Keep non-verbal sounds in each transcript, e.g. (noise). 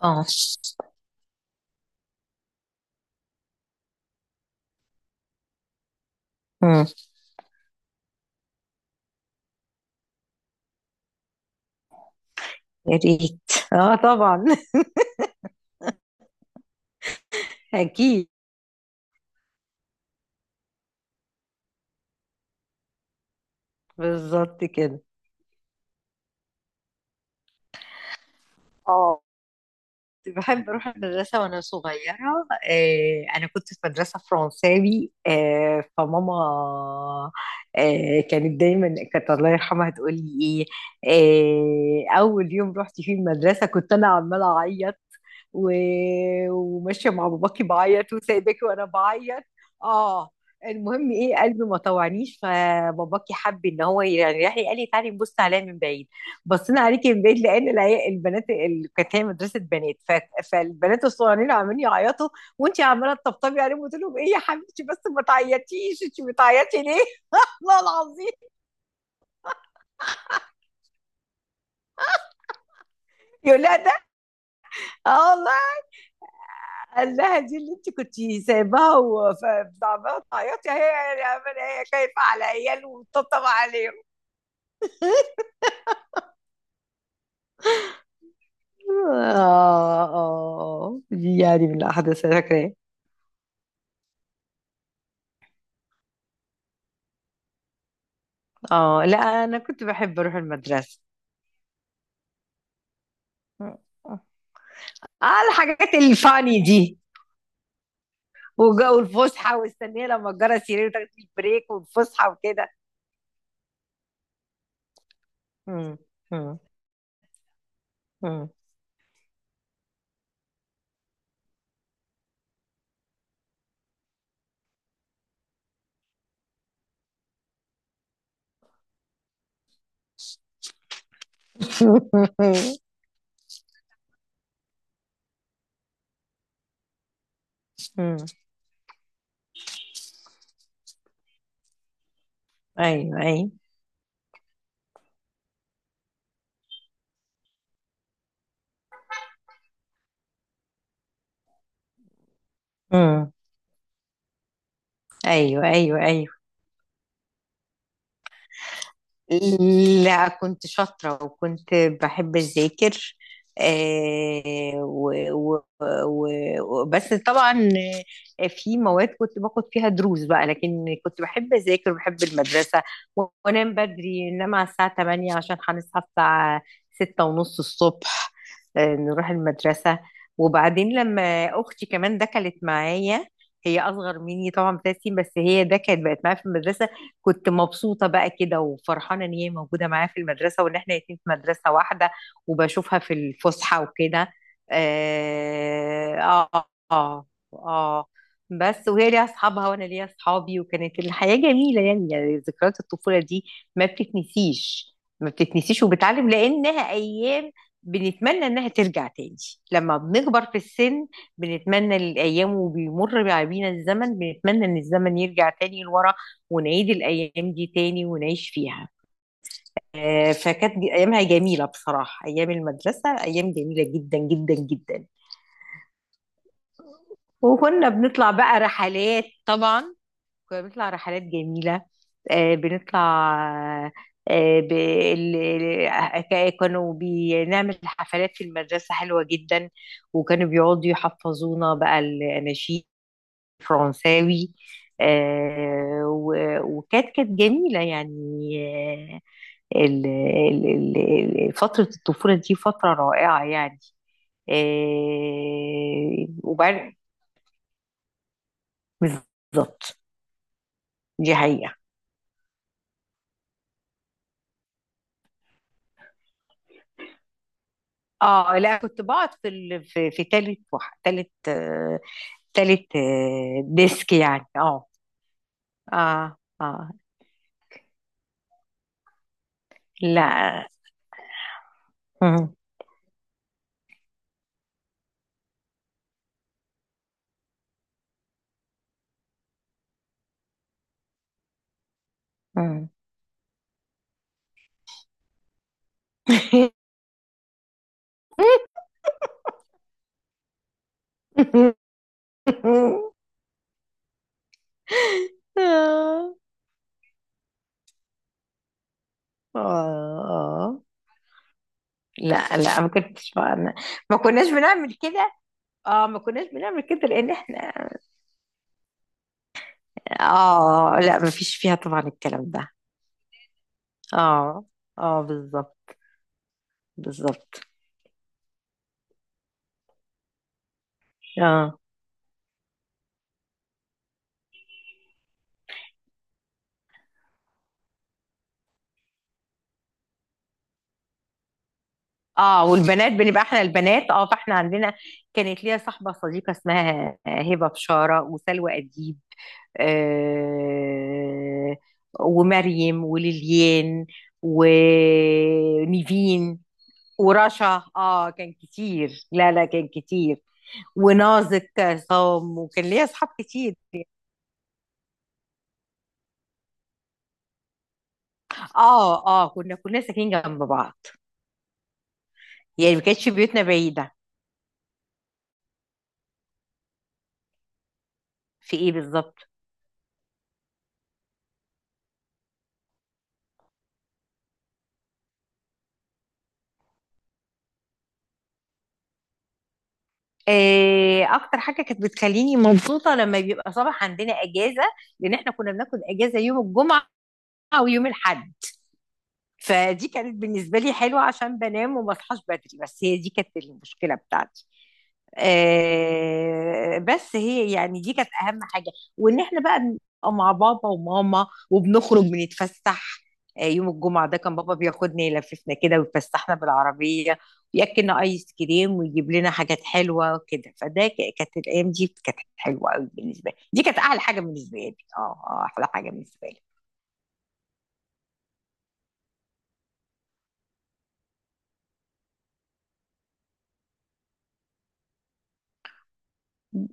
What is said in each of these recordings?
اه. امم. يا ريت. اه طبعا. (laughs) اكيد. بالظبط كده. اه. كنت بحب أروح المدرسة وأنا صغيرة. أنا كنت في مدرسة فرنساوي، فماما كانت دايما كانت الله يرحمها تقول لي. إيه آه، أول يوم رحت فيه المدرسة كنت أنا عمالة أعيط، و- وماشية مع باباكي بعيط وسايباكي وأنا بعيط. آه المهم، قلبي ما طوعنيش، فباباكي حب إن هو يعني راح قال لي تعالي نبص عليها من بعيد. بصينا عليكي من بعيد لان البنات اللي كانت هي مدرسه بنات، ف- فالبنات الصغيرين عمالين يعيطوا، وانت عماله تطبطبي عليهم، قلت لهم ايه يا حبيبتي بس ما تعيطيش، انت بتعيطي ليه؟ (laughs) والله العظيم. يقول لها ده. اه والله. قال لها دي اللي انت كنت سايباها وعماله تعيطي هي. هي خايفه على عيال وتطبطب عليهم. اه اه، دي يعني من الاحداث اللي أنا فاكراها. اه. لا، انا كنت بحب اروح المدرسه. آه الحاجات الفاني دي، وجو الفسحة، واستنيه لما تجرى السرير وتاخد البريك والفسحة وكده. امم. امم. امم. امم. (laughs) أيوه أيوه. امم. أيوه أيوه أيوه. لا كنت شاطرة وكنت بحب أذاكر. آه و و و وبس طبعا. في مواد كنت باخد فيها دروس بقى، لكن كنت بحب أذاكر وبحب المدرسة، و- وأنام بدري، إنما على الساعة 8 عشان هنصحى الساعة 6 ونص الصبح، نروح المدرسة. وبعدين لما أختي كمان دخلت معايا، هي أصغر مني طبعا ب3 سنين، بس هي ده كانت بقت معايا في المدرسة. كنت مبسوطة بقى كده وفرحانة إن هي موجودة معايا في المدرسة، وإن إحنا الاتنين في مدرسة واحدة، وبشوفها في الفسحة وكده. آه آه. آه آه. بس وهي ليها أصحابها وأنا ليا أصحابي، وكانت الحياة جميلة يعني. يعني ذكريات الطفولة دي ما بتتنسيش، ما بتتنسيش، وبتعلم، لأنها أيام بنتمنى إنها ترجع تاني لما بنكبر في السن. بنتمنى الأيام، وبيمر بينا الزمن، بنتمنى إن الزمن يرجع تاني لورا ونعيد الأيام دي تاني ونعيش فيها. أيامها جميلة بصراحة، أيام المدرسة أيام جميلة جدا جدا جدا. وكنا بنطلع بقى رحلات طبعا، كنا بنطلع رحلات جميلة. بنطلع كانوا بنعمل حفلات في المدرسة حلوة جدا، وكانوا بيقعدوا يحفظونا بقى الأناشيد الفرنساوي. وكانت جميلة يعني. آه، ال- ال- ال- فترة الطفولة دي فترة رائعة يعني. إيه وبعد. بالظبط. دي حقيقة. اه، لا كنت بقعد في في تالت وح... تالت آه، تالت آه، ديسك يعني. اه اه اه. لا. مم. مم. (laughs) آه. آه. لا لا، ما كنتش ما ما كناش بنعمل كده. اه ما كناش بنعمل كده لان احنا. اه. لا. ما فيش فيها طبعا الكلام ده. اه اه بالظبط. بالظبط. اه اه. والبنات بنبقى احنا البنات، اه فاحنا عندنا كانت ليا صاحبة صديقة اسمها هبة بشارة، وسلوى أديب، آه ومريم، وليليان، ونيفين، ورشا. اه كان كتير. لا لا كان كتير. ونازك عصام، وكان ليا اصحاب كتير. اه اه، كنا كلنا ساكنين جنب بعض، يعني ما كانتش بيوتنا بعيدة. في ايه بالظبط. اكتر حاجة كانت بتخليني مبسوطة لما بيبقى صباح عندنا اجازة، لان احنا كنا بناخد اجازة يوم الجمعة ويوم الاحد. فدي كانت بالنسبة لي حلوة عشان بنام وما اصحاش بدري، بس هي دي كانت المشكلة بتاعتي. بس هي يعني دي كانت اهم حاجه، وان احنا بقى نبقى مع بابا وماما وبنخرج بنتفسح. يوم الجمعه ده كان بابا بياخدنا يلففنا كده ويفسحنا بالعربيه، وياكلنا ايس كريم ويجيب لنا حاجات حلوه كده. كانت الايام دي كانت حلوه قوي بالنسبه لي، دي كانت احلى حاجه بالنسبه لي. احلى حاجه بالنسبه لي.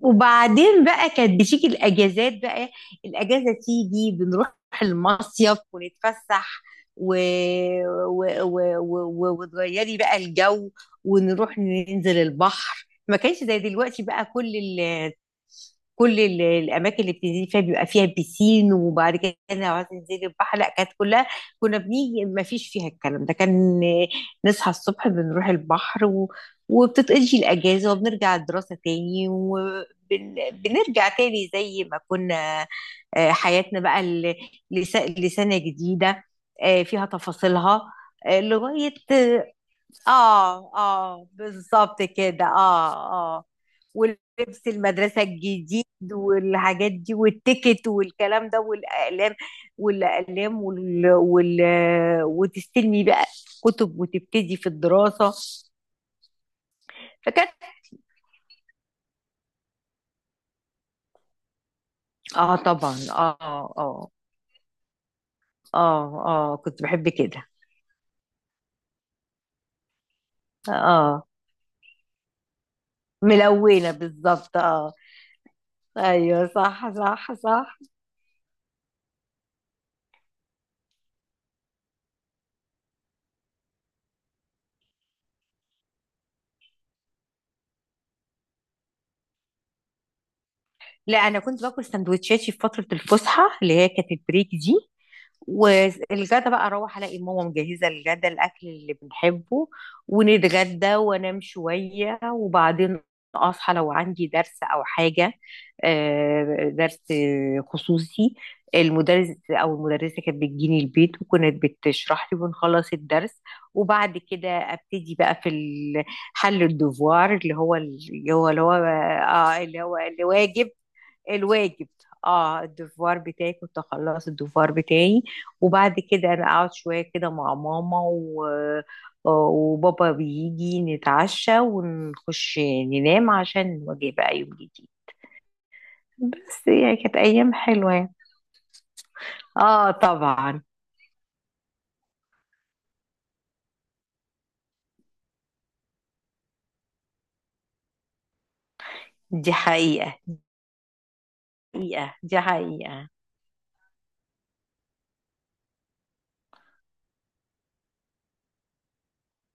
وبعدين بقى كانت بتيجي الاجازات بقى، الاجازه تيجي بنروح المصيف ونتفسح، و... و... و... و... و... وتغيري بقى الجو. ونروح ننزل البحر، ما كانش زي دلوقتي بقى. كل الاماكن اللي بتنزلي فيها بيبقى فيها بيسين، وبعد كده لو عايزه تنزلي البحر لا كانت كلها. كنا بنيجي ما فيش فيها الكلام ده، كان نصحى الصبح بنروح البحر وبتتقضي الاجازه، وبنرجع الدراسه تاني، وبنرجع تاني زي ما كنا. حياتنا بقى لسنه جديده فيها تفاصيلها لغايه. اه اه بالظبط كده اه اه. ولبس المدرسة الجديد، والحاجات دي والتيكت والكلام ده، والأقلام والأقلام وال... وال... وتستلمي بقى كتب وتبتدي في الدراسة. فكانت. اه طبعا. اه اه اه اه كنت بحب كده. اه ملونة بالظبط. اه ايوه صح صح صح. لا انا كنت باكل سندوتشاتي في فترة الفسحة اللي هي كانت البريك دي. والغدا بقى اروح الاقي ماما مجهزه الغدا الاكل اللي بنحبه، ونتغدى وانام شويه، وبعدين اصحى لو عندي درس او حاجه. درس خصوصي. المدرس او المدرسه كانت بتجيني البيت وكانت بتشرح لي ونخلص الدرس. وبعد كده ابتدي بقى في حل الدوفوار اللي هو اللي هو اللي هو آه اللي هو اللي واجب. الواجب. اه الدفوار بتاعي كنت اخلص الدفوار بتاعي، وبعد كده انا اقعد شويه كده مع ماما، و... وبابا بيجي نتعشى ونخش ننام عشان نواجه بقى يوم جديد. بس يعني كانت ايام حلوه يعني. اه طبعا. دي حقيقه. حقيقه دي حقيقه.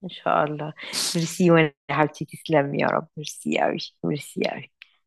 ان شاء الله. ميرسي، وانا يا حبيبتي تسلمي يا رب، ميرسي قوي. ميرسي قوي.